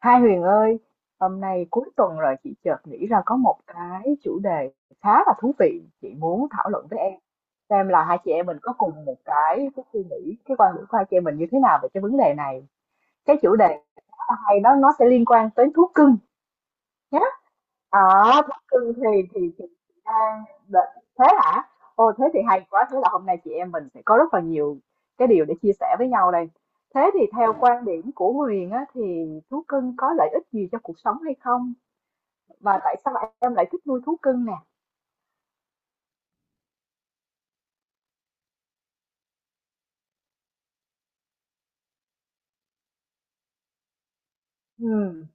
Hai Huyền ơi, hôm nay cuối tuần rồi chị chợt nghĩ ra có một cái chủ đề khá là thú vị chị muốn thảo luận với em. Xem là hai chị em mình có cùng một cái suy nghĩ, cái quan điểm của hai chị em mình như thế nào về cái vấn đề này. Cái chủ đề khá là hay đó nó sẽ liên quan tới thú cưng nhé. Ở Bắc Cưng thì thì thì chị đang đợi- thế hả? Ô, thế thì hay quá, thế là hôm nay chị em mình sẽ có rất là nhiều cái điều để chia sẻ với nhau đây. Thế thì theo quan điểm của Huyền á thì thú cưng có lợi ích gì cho cuộc sống hay không? Và tại sao em lại thích nuôi thú cưng nè? Ừ.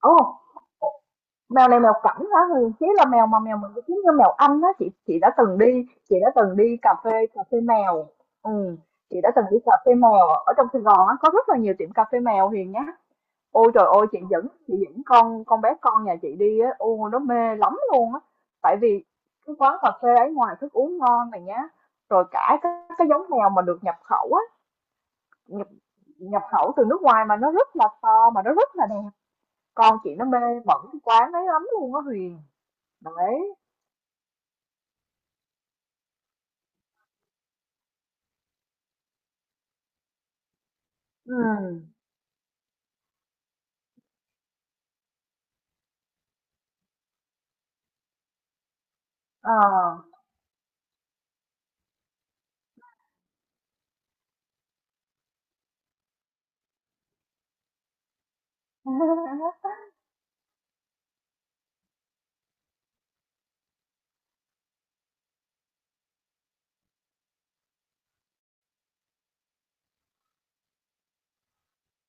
Ồ, mèo này mèo cảnh hả Huyền? Thế là mèo mà mèo mình cứ kiếm như mèo Anh á, chị đã từng đi, chị đã từng đi cà phê mèo. Ừ. Chị đã từng đi cà phê mèo ở trong Sài Gòn á, có rất là nhiều tiệm cà phê mèo Huyền nhá. Ôi trời ơi, chị dẫn con bé con nhà chị đi á, ô nó mê lắm luôn á. Tại vì cái quán cà phê ấy ngoài thức uống ngon này nhá, rồi cả cái giống mèo mà được nhập khẩu á, nhập nhập khẩu từ nước ngoài mà nó rất là to mà nó rất là đẹp. Con chị nó mê mẩn cái quán ấy lắm luôn á Huyền. Đấy. Ừ. Ờ.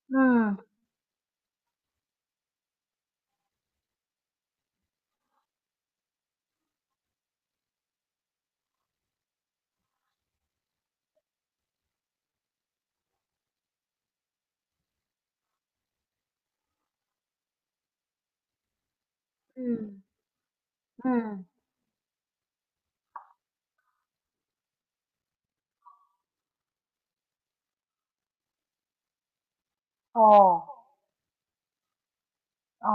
Ừ. Ừ. Ừ. Ồ. Ờ.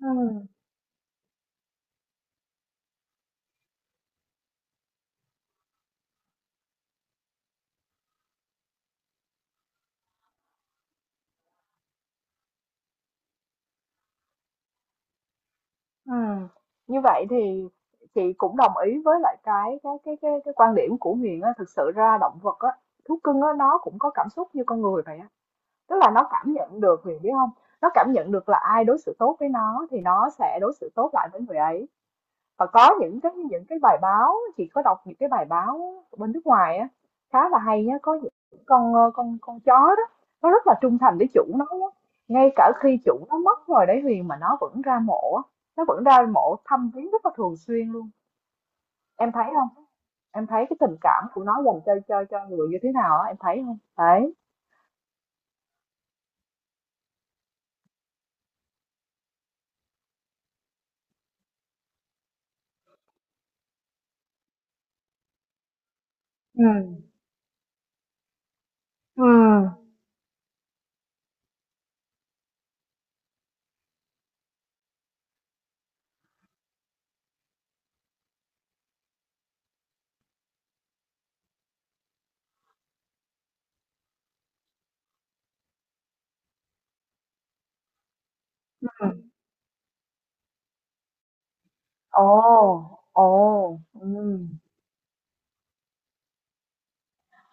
Ừ. Ừ. Như vậy thì chị cũng đồng ý với lại cái quan điểm của Huyền á, thực sự ra động vật á, thú cưng á nó cũng có cảm xúc như con người vậy á. Tức là nó cảm nhận được Huyền biết không? Nó cảm nhận được là ai đối xử tốt với nó thì nó sẽ đối xử tốt lại với người ấy, và có những cái bài báo, chị có đọc những cái bài báo bên nước ngoài á, khá là hay á, có những con ờ, con chó đó nó rất là trung thành với chủ nó á, ngay cả khi chủ nó mất rồi đấy Huyền, mà nó vẫn ra mộ á, nó vẫn ra mộ thăm viếng rất là thường xuyên luôn. Em thấy không? Em thấy cái tình cảm của nó dành cho người như thế nào á, em thấy không đấy. Ừ, ừ. Ồ, ồ. Ừ.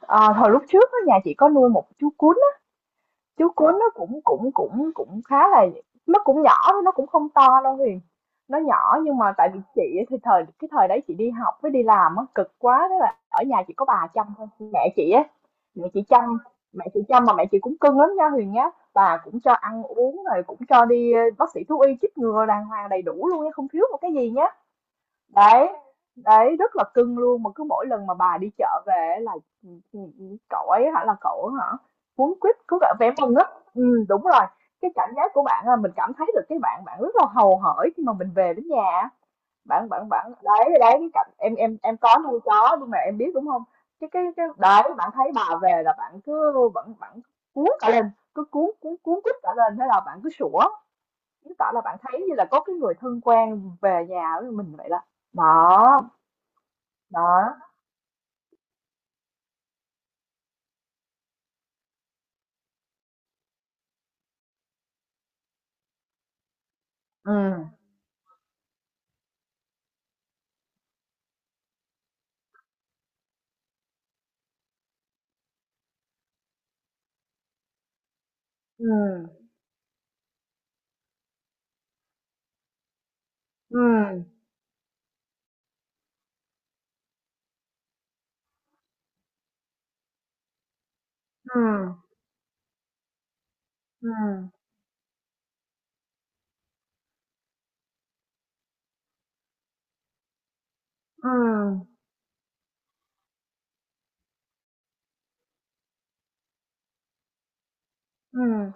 À, hồi lúc trước á, nhà chị có nuôi một chú cún, chú cuốn nó cũng cũng cũng cũng khá là, nó cũng nhỏ thôi, nó cũng không to đâu Huyền, nó nhỏ nhưng mà tại vì chị thì cái thời đấy chị đi học với đi làm á, cực quá thế là ở nhà chỉ có bà chăm thôi, mẹ chị á, mẹ chị chăm, mà mẹ chị cũng cưng lắm nha Huyền nhá, bà cũng cho ăn uống rồi cũng cho đi bác sĩ thú y chích ngừa đàng hoàng đầy đủ luôn nha, không thiếu một cái gì nhá. Đấy, đấy rất là cưng luôn, mà cứ mỗi lần mà bà đi chợ về là ừ, ừ, ừ, cậu ấy hả là cậu ấy hả, cuốn quýt cứ cả vẻ mừng á. Ừ, đúng rồi. Cái cảm giác của bạn là mình cảm thấy được cái bạn bạn rất là hầu hởi khi mà mình về đến nhà á. Bạn bạn bạn đấy, đấy cái cảm, em có nuôi chó nhưng mà em biết đúng không. Cái đấy bạn thấy bà về là bạn cứ bạn bạn cuốn cả lên, cứ cuốn cuốn cuốn quýt cả lên, thế là bạn cứ sủa. Chứng tỏ là bạn thấy như là có cái người thân quen về nhà với mình vậy đó. Đó, đó. Ừm, ừm, ừm, ừm, ừm, ừm, ừm.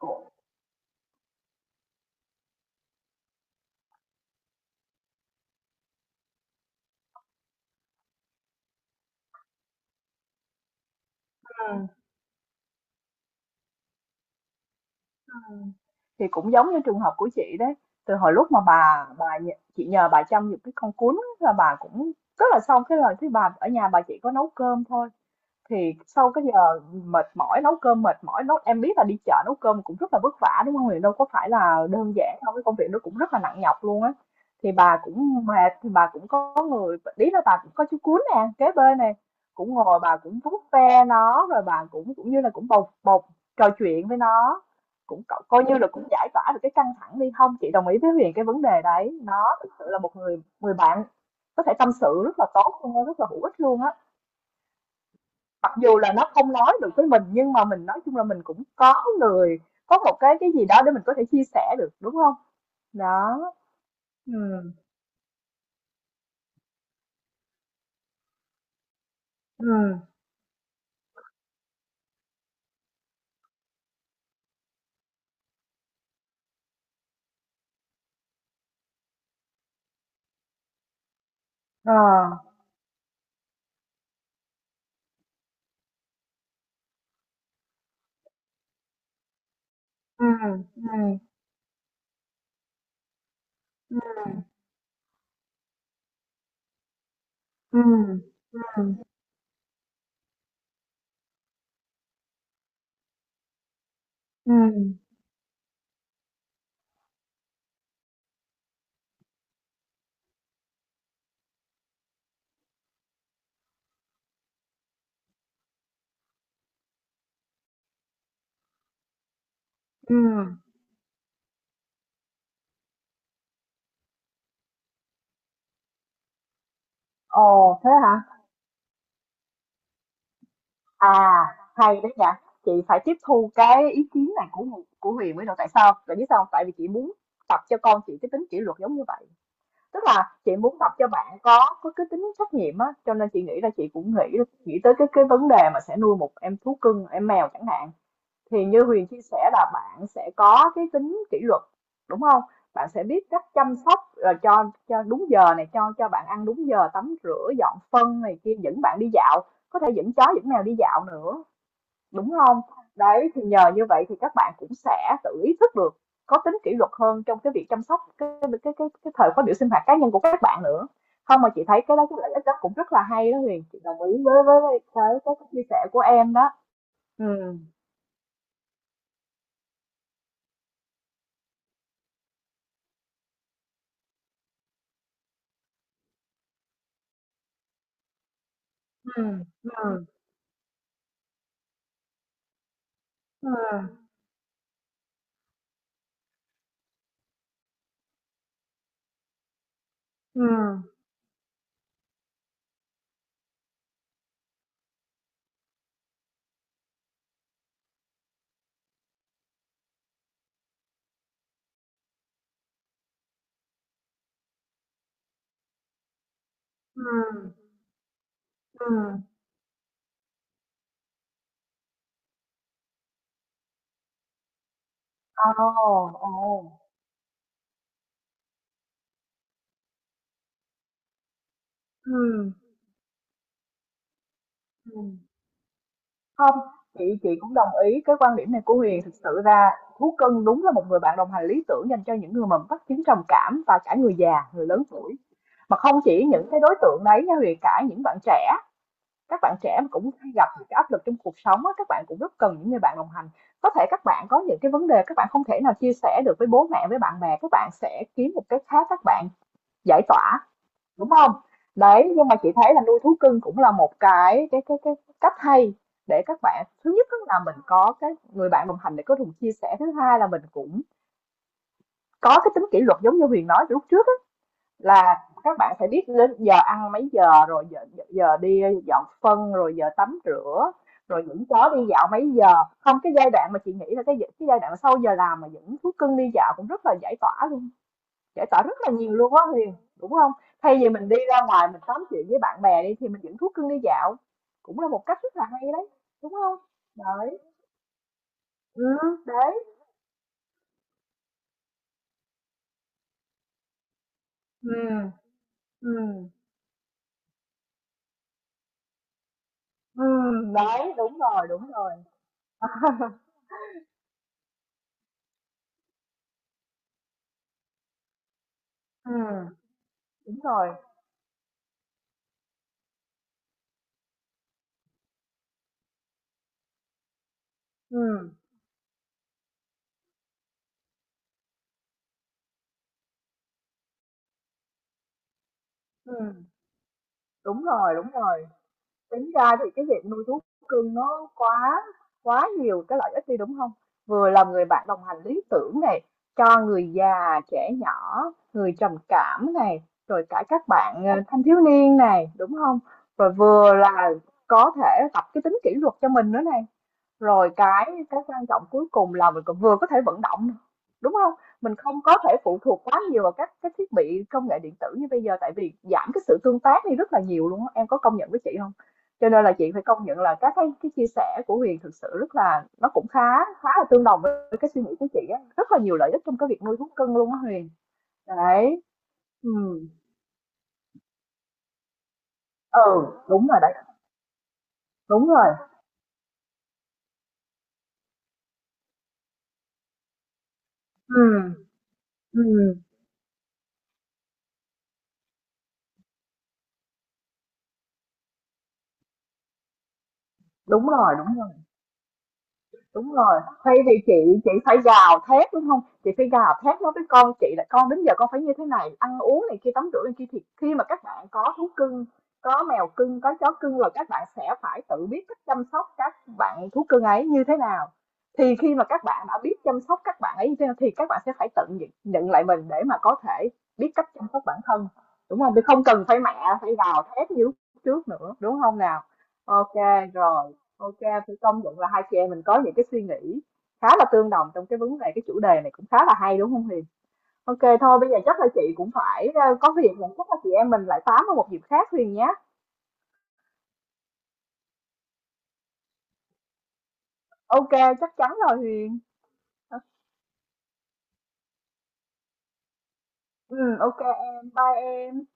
Cũng ừm, ừm. Thì cũng giống như trường hợp của chị đấy, từ hồi lúc mà bà nh chị nhờ bà chăm giùm cái con cún là bà cũng rất là, xong cái lời thấy bà ở nhà bà chỉ có nấu cơm thôi. Thì sau cái giờ mệt mỏi nấu cơm mệt mỏi nấu, em biết là đi chợ nấu cơm cũng rất là vất vả đúng không Huyền, đâu có phải là đơn giản đâu, cái công việc nó cũng rất là nặng nhọc luôn á. Thì bà cũng mệt, thì bà cũng có người ý là bà cũng có chú cún nè kế bên nè, cũng ngồi bà cũng vuốt ve nó, rồi bà cũng cũng như là cũng bộc bộc trò chuyện với nó, cũng coi như là cũng giải tỏa được cái căng thẳng đi, không chị đồng ý với Huyền cái vấn đề đấy nó thực sự là một người người bạn có thể tâm sự rất là tốt luôn á, rất là hữu ích luôn á. Mặc dù là nó không nói được với mình nhưng mà mình nói chung là mình cũng có người, có một cái gì đó để mình có thể chia sẻ được đúng không, đó. Ừ. Ừ. Ờ. Ừ. Ừ. Ừ. Ừ. Ừ. Ừ. Ồ, thế hả? À, hay đấy nhỉ. Chị phải tiếp thu cái ý kiến này của Huyền mới được, tại sao tại biết sao không? Tại vì chị muốn tập cho con chị cái tính kỷ luật giống như vậy. Tức là chị muốn tập cho bạn có cái tính trách nhiệm á, cho nên chị nghĩ là chị cũng nghĩ, tới cái vấn đề mà sẽ nuôi một em thú cưng, em mèo chẳng hạn. Thì như Huyền chia sẻ là bạn sẽ có cái tính kỷ luật, đúng không? Bạn sẽ biết cách chăm sóc cho đúng giờ này, cho bạn ăn đúng giờ, tắm rửa, dọn phân này kia, dẫn bạn đi dạo, có thể dẫn chó dẫn mèo đi dạo nữa, đúng không? Đấy, thì nhờ như vậy thì các bạn cũng sẽ tự ý thức được, có tính kỷ luật hơn trong cái việc chăm sóc cái thời khóa biểu sinh hoạt cá nhân của các bạn nữa. Không, mà chị thấy cái đó cái lợi ích đó cũng rất là hay đó Huyền, chị đồng ý với cái chia sẻ của em đó. Ừ. Ừ. Ừ. Ừ. Ừ. Ừ. Ừm. Ồ, ồ. Ừ. Ừm. Không, chị cũng đồng ý cái quan điểm này của Huyền. Thực sự ra Thú Cưng đúng là một người bạn đồng hành lý tưởng dành cho những người mà mắc chứng trầm cảm và cả người già, người lớn tuổi. Mà không chỉ những cái đối tượng đấy nha Huyền, cả những bạn trẻ, các bạn trẻ mà cũng hay gặp những cái áp lực trong cuộc sống á, các bạn cũng rất cần những người bạn đồng hành. Có thể các bạn có những cái vấn đề các bạn không thể nào chia sẻ được với bố mẹ, với bạn bè, các bạn sẽ kiếm một cái khác, các bạn giải tỏa, đúng không? Đấy, nhưng mà chị thấy là nuôi thú cưng cũng là một cái cách hay để các bạn, thứ nhất á là mình có cái người bạn đồng hành để có cùng chia sẻ, thứ hai là mình cũng có cái tính kỷ luật giống như Huyền nói từ lúc trước á, là các bạn phải biết đến giờ ăn mấy giờ rồi, giờ, giờ đi dọn phân rồi giờ tắm rửa rồi những chó đi dạo mấy giờ, không cái giai đoạn mà chị nghĩ là cái giai đoạn mà sau giờ làm mà những thú cưng đi dạo cũng rất là giải tỏa luôn, giải tỏa rất là nhiều luôn á Huyền đúng không, thay vì mình đi ra ngoài mình tám chuyện với bạn bè đi thì mình dẫn thuốc cưng đi dạo cũng là một cách rất là hay đấy, đúng không? Đấy. Ừ. Đấy. Ừ. Ừ. Ừ. Đấy. Đúng rồi. Đúng rồi. Ừ. Đúng rồi. Ừ. Ừ. Đúng rồi. Đúng rồi. Tính ra thì cái việc nuôi thú cưng nó quá, quá nhiều cái lợi ích đi, đúng không? Vừa là người bạn đồng hành lý tưởng này, cho người già, trẻ nhỏ, người trầm cảm này, rồi cả các bạn, thanh thiếu niên này, đúng không? Rồi vừa là có thể tập cái tính kỷ luật cho mình nữa này. Rồi cái quan trọng cuối cùng là mình còn vừa có thể vận động, nè, đúng không? Mình không có thể phụ thuộc quá nhiều vào các cái thiết bị công nghệ điện tử như bây giờ, tại vì giảm cái sự tương tác đi rất là nhiều luôn á, em có công nhận với chị không? Cho nên là chị phải công nhận là các cái chia sẻ của Huyền thực sự rất là, nó cũng khá khá là tương đồng với cái suy nghĩ của chị á, rất là nhiều lợi ích trong cái việc nuôi thú cưng luôn á Huyền. Đấy. Ừ. Ừ, đúng rồi đấy. Đúng rồi. Ừ. Ừ. Đúng rồi. Đúng. Đúng rồi, thay vì chị phải gào thét đúng không, chị phải gào thét nói với con chị là con đến giờ con phải như thế này ăn uống này kia tắm rửa này kia thì khi mà các bạn có thú cưng, có mèo cưng có chó cưng rồi các bạn sẽ phải tự biết cách chăm sóc các bạn thú cưng ấy như thế nào, thì khi mà các bạn đã biết chăm sóc các bạn ấy như thế nào thì các bạn sẽ phải tự nhận lại mình để mà có thể biết cách chăm sóc bản thân, đúng không, thì không cần phải mẹ phải gào thét như trước nữa, đúng không nào. OK, rồi. OK, phải công nhận là hai chị em mình có những cái suy nghĩ khá là tương đồng trong cái vấn đề cái chủ đề này cũng khá là hay đúng không Huyền? OK thôi bây giờ chắc là chị cũng phải có việc rồi, chắc là chị em mình lại tám vào một dịp khác Huyền nhé. OK chắc chắn rồi Huyền. Ờ. Ừ OK em, bye em.